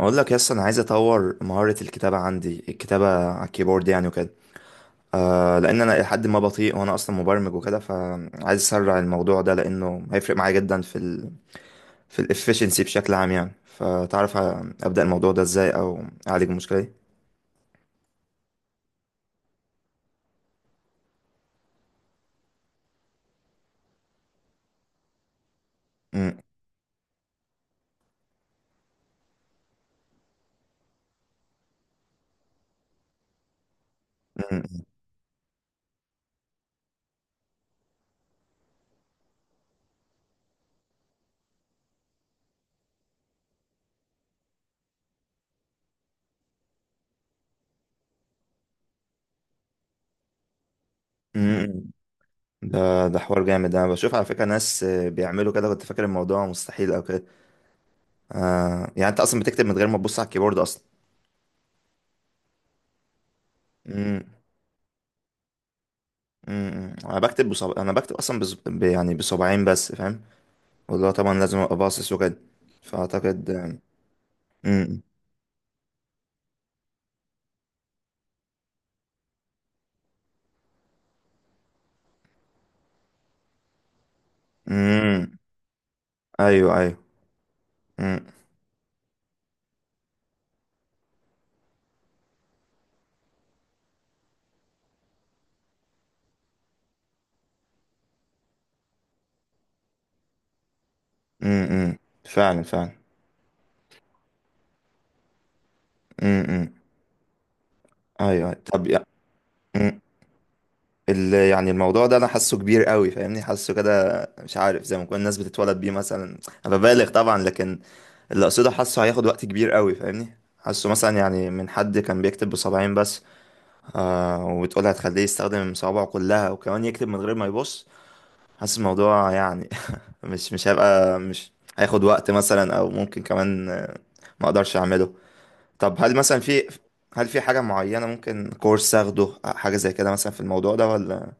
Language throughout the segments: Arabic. اقول لك يس، انا عايز اطور مهارة الكتابة عندي، الكتابة على الكيبورد يعني وكده. آه لان انا لحد ما بطيء، وانا اصلا مبرمج وكده، فعايز اسرع الموضوع ده لانه هيفرق معايا جدا في الافشنسي بشكل عام يعني. فتعرف ابدا الموضوع ده ازاي او اعالج المشكلة دي؟ مم، مم، مم. ده حوار جامد، انا بشوف على فكرة ناس بيعملوا كده. كنت فاكر الموضوع مستحيل او كده. يعني انت اصلا بتكتب من غير ما تبص على الكيبورد اصلا؟ مم. امم، انا بكتب انا بكتب اصلا يعني بصباعين بس فاهم، واللي هو طبعا لازم ابقى باصص وكده. فاعتقد. امم، امم، ايوه ايوه، امم، امم، فعلا فعلا. امم، ايوه أيوة. طب مم. يعني الموضوع ده انا حاسه كبير قوي، فاهمني حاسه كده. مش عارف، زي ما كل الناس بتتولد بيه مثلا. انا ببالغ طبعا، لكن اللي اقصده حاسه هياخد وقت كبير قوي فاهمني. حاسه مثلا يعني من حد كان بيكتب بصباعين بس، آه وتقول هتخليه يستخدم صوابعه كلها وكمان يكتب من غير ما يبص، حاسس الموضوع يعني مش هيبقى، مش هياخد وقت مثلا، او ممكن كمان ما اقدرش اعمله. طب هل مثلا في، هل في حاجة معينة، ممكن كورس اخده حاجة زي كده مثلا في الموضوع ده ولا؟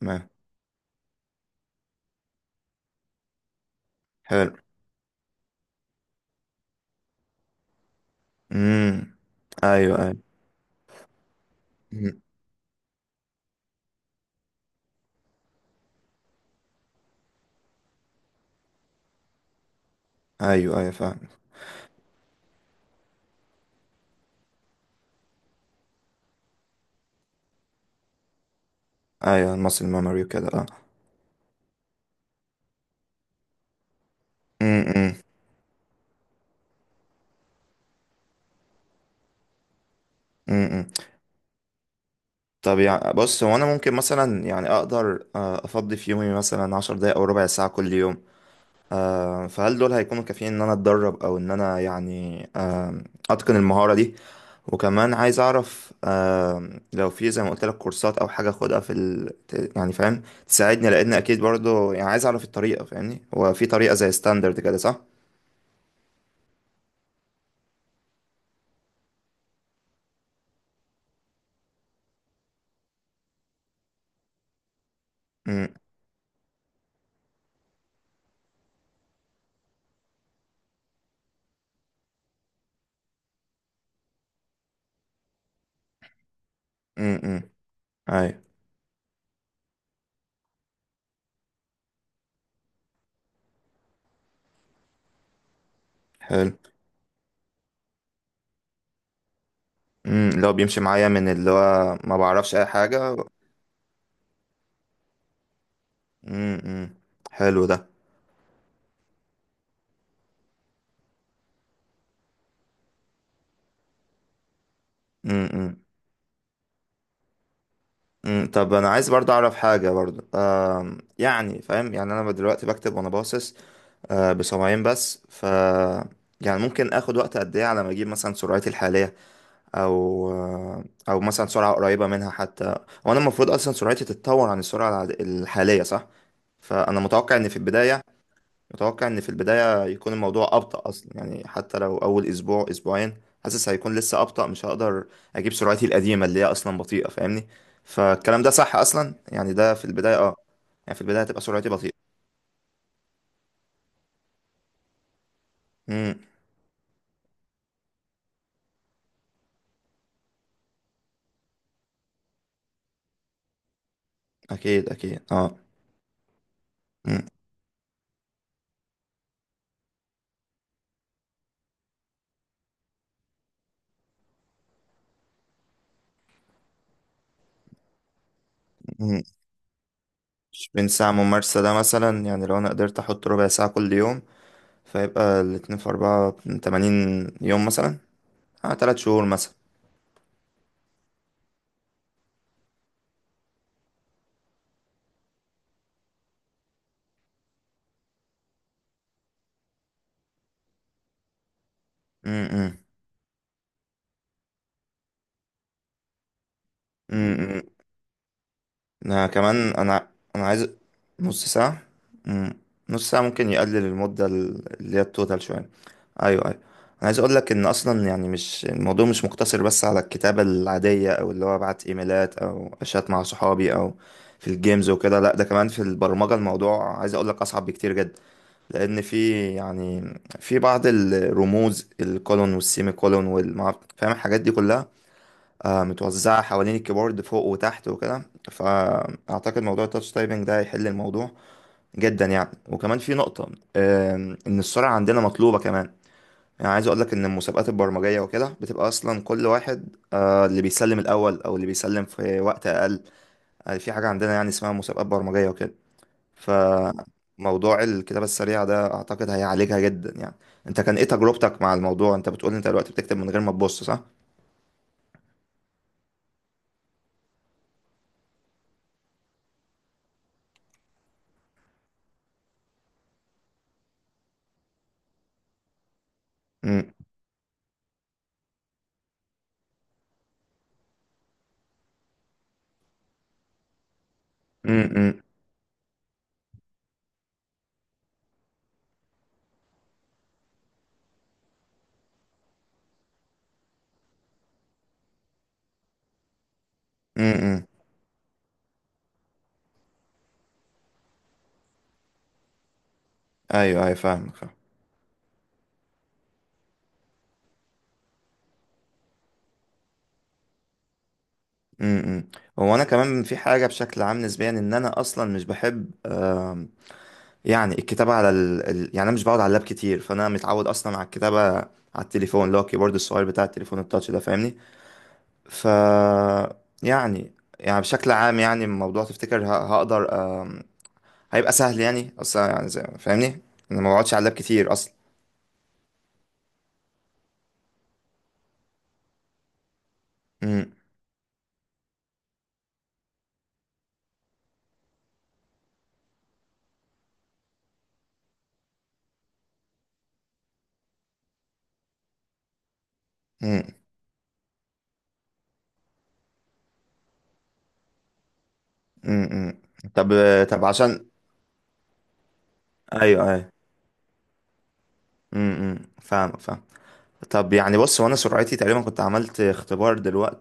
تمام. حلو. امم، ايوه ايوه. مم. ايوه ايوه فاهم. ايوه المصل ميموري وكده اه. امم. طب يعني بص، هو انا ممكن مثلا يعني اقدر افضي في يومي مثلا عشر دقايق او ربع ساعة كل يوم. فهل دول هيكونوا كافيين ان انا اتدرب، او ان انا يعني اتقن المهارة دي؟ وكمان عايز اعرف لو في زي ما قلت لك كورسات او حاجة اخدها يعني فاهم، تساعدني. لان اكيد برضو يعني عايز اعرف الطريقة فاهمني. هو في طريقة زي ستاندرد كده صح؟ امم، امم، ايوه. حلو. امم، اللي هو بيمشي معايا من اللي هو ما بعرفش اي حاجة. امم. حلو ده. امم، امم. طب انا عايز برضه اعرف حاجه برضه، يعني فاهم، يعني انا دلوقتي بكتب وانا باصص، بسمعين بس ف، يعني ممكن اخد وقت قد ايه على ما اجيب مثلا سرعتي الحاليه، او آه، او مثلا سرعه قريبه منها حتى. وانا المفروض اصلا سرعتي تتطور عن الحاليه صح؟ فانا متوقع ان في البدايه، متوقع ان في البداية يكون الموضوع أبطأ أصلا يعني. حتى لو أول أسبوع أسبوعين، حاسس هيكون لسه أبطأ، مش هقدر أجيب سرعتي القديمة اللي هي أصلا بطيئة فاهمني. فالكلام ده صح أصلا يعني، ده في البداية أه. يعني في البداية هتبقى سرعتي بطيئة. امم. أكيد أكيد أه. امم، أمم. بين ساعة ممارسة ده مثلا يعني، لو أنا قدرت أحط ربع ساعة كل يوم، فيبقى الاتنين في أربعة من تمانين يوم مثلا. أه تلات شهور مثلا. امم، امم. انا كمان انا عايز نص ساعة. مم. نص ساعة ممكن يقلل المدة اللي هي التوتال شوية. ايوه ايوه، انا عايز اقول لك ان اصلا يعني، مش الموضوع مش مقتصر بس على الكتابة العادية، او اللي هو ابعت ايميلات او اشات مع صحابي، او في الجيمز وكده. لا، ده كمان في البرمجة الموضوع عايز اقول لك اصعب بكتير جدا. لان في يعني، في بعض الرموز، الكولون والسيمي كولون والمعرفة، فاهم الحاجات دي كلها متوزعة حوالين الكيبورد فوق وتحت وكده. فأعتقد موضوع التاتش تايبنج ده هيحل الموضوع جدا يعني. وكمان في نقطة، إن السرعة عندنا مطلوبة كمان. يعني عايز أقولك إن المسابقات البرمجية وكده بتبقى أصلا كل واحد اللي بيسلم الأول أو اللي بيسلم في وقت أقل، في حاجة عندنا يعني اسمها مسابقات برمجية وكده. فموضوع الكتابة السريعة ده أعتقد هيعالجها جدا يعني. أنت كان إيه تجربتك مع الموضوع؟ أنت بتقول أنت دلوقتي بتكتب من غير ما تبص صح؟ م- م- م- م- م. ايوه ايوه فاهمك فاهم. امم، إمم. هو انا كمان في حاجه بشكل عام نسبيا، ان انا اصلا مش بحب أم، يعني الكتابه يعني انا مش بقعد على اللاب كتير، فانا متعود اصلا على الكتابه على التليفون اللي هو الكيبورد الصغير بتاع التليفون التاتش ده فاهمني. ف يعني يعني بشكل عام يعني، الموضوع تفتكر هقدر، أم، هيبقى سهل يعني اصلا يعني فاهمني، انا ما بقعدش على اللاب كتير اصلا. امم، امم، امم، إمم. طب، طب عشان، ايوه ايوه، امم، إمم. فاهمك فاهم. طب يعني بص، وانا سرعتي تقريبا كنت عملت اختبار دلوقت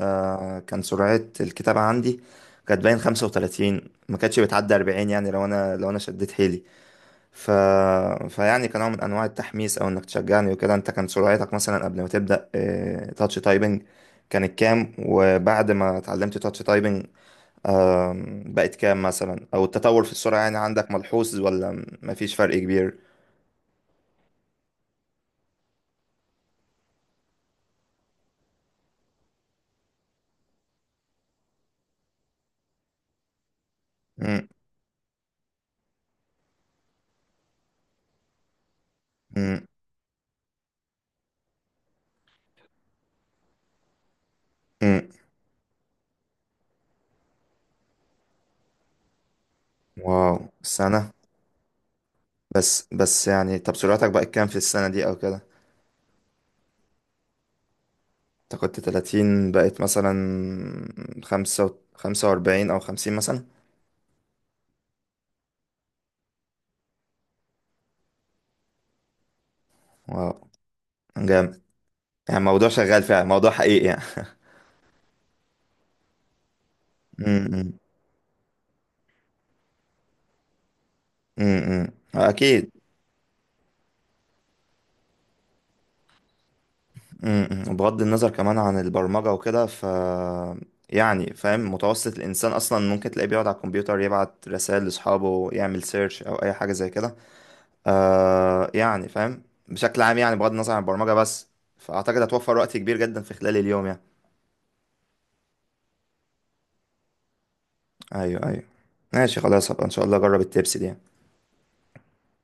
آه، كان سرعة الكتابة عندي كانت باين 35، ما كانتش بتعدي 40 يعني لو انا، لو انا شديت حيلي ف... فيعني كان نوع من انواع التحميس او انك تشجعني وكده. انت كان سرعتك مثلا قبل ما تبدأ تاتش تايبنج كانت كام، وبعد ما اتعلمت تاتش تايبنج، بقت كام مثلا؟ او التطور في السرعة يعني عندك ملحوظ، ولا مفيش فرق كبير؟ مم، مم، مم. واو سنة. بس بس يعني، طب سرعتك بقت كام في السنة دي أو كده؟ انت كنت 30، بقت مثلا خمسة و- 45 أو 50 مثلا. واو، جامد. يعني موضوع شغال فعلا، موضوع حقيقي يعني. امم، امم. اكيد. امم. بغض النظر كمان عن البرمجة وكده، ف يعني فاهم، متوسط الانسان اصلا ممكن تلاقيه بيقعد على الكمبيوتر يبعت رسائل لاصحابه، يعمل سيرش او اي حاجة زي كده آه، يعني فاهم، بشكل عام يعني، بغض النظر عن البرمجة بس، فأعتقد هتوفر وقت كبير جدا في خلال اليوم يعني. أيوه أيوه. ماشي، خلاص هبقى إن شاء الله أجرب التبس دي.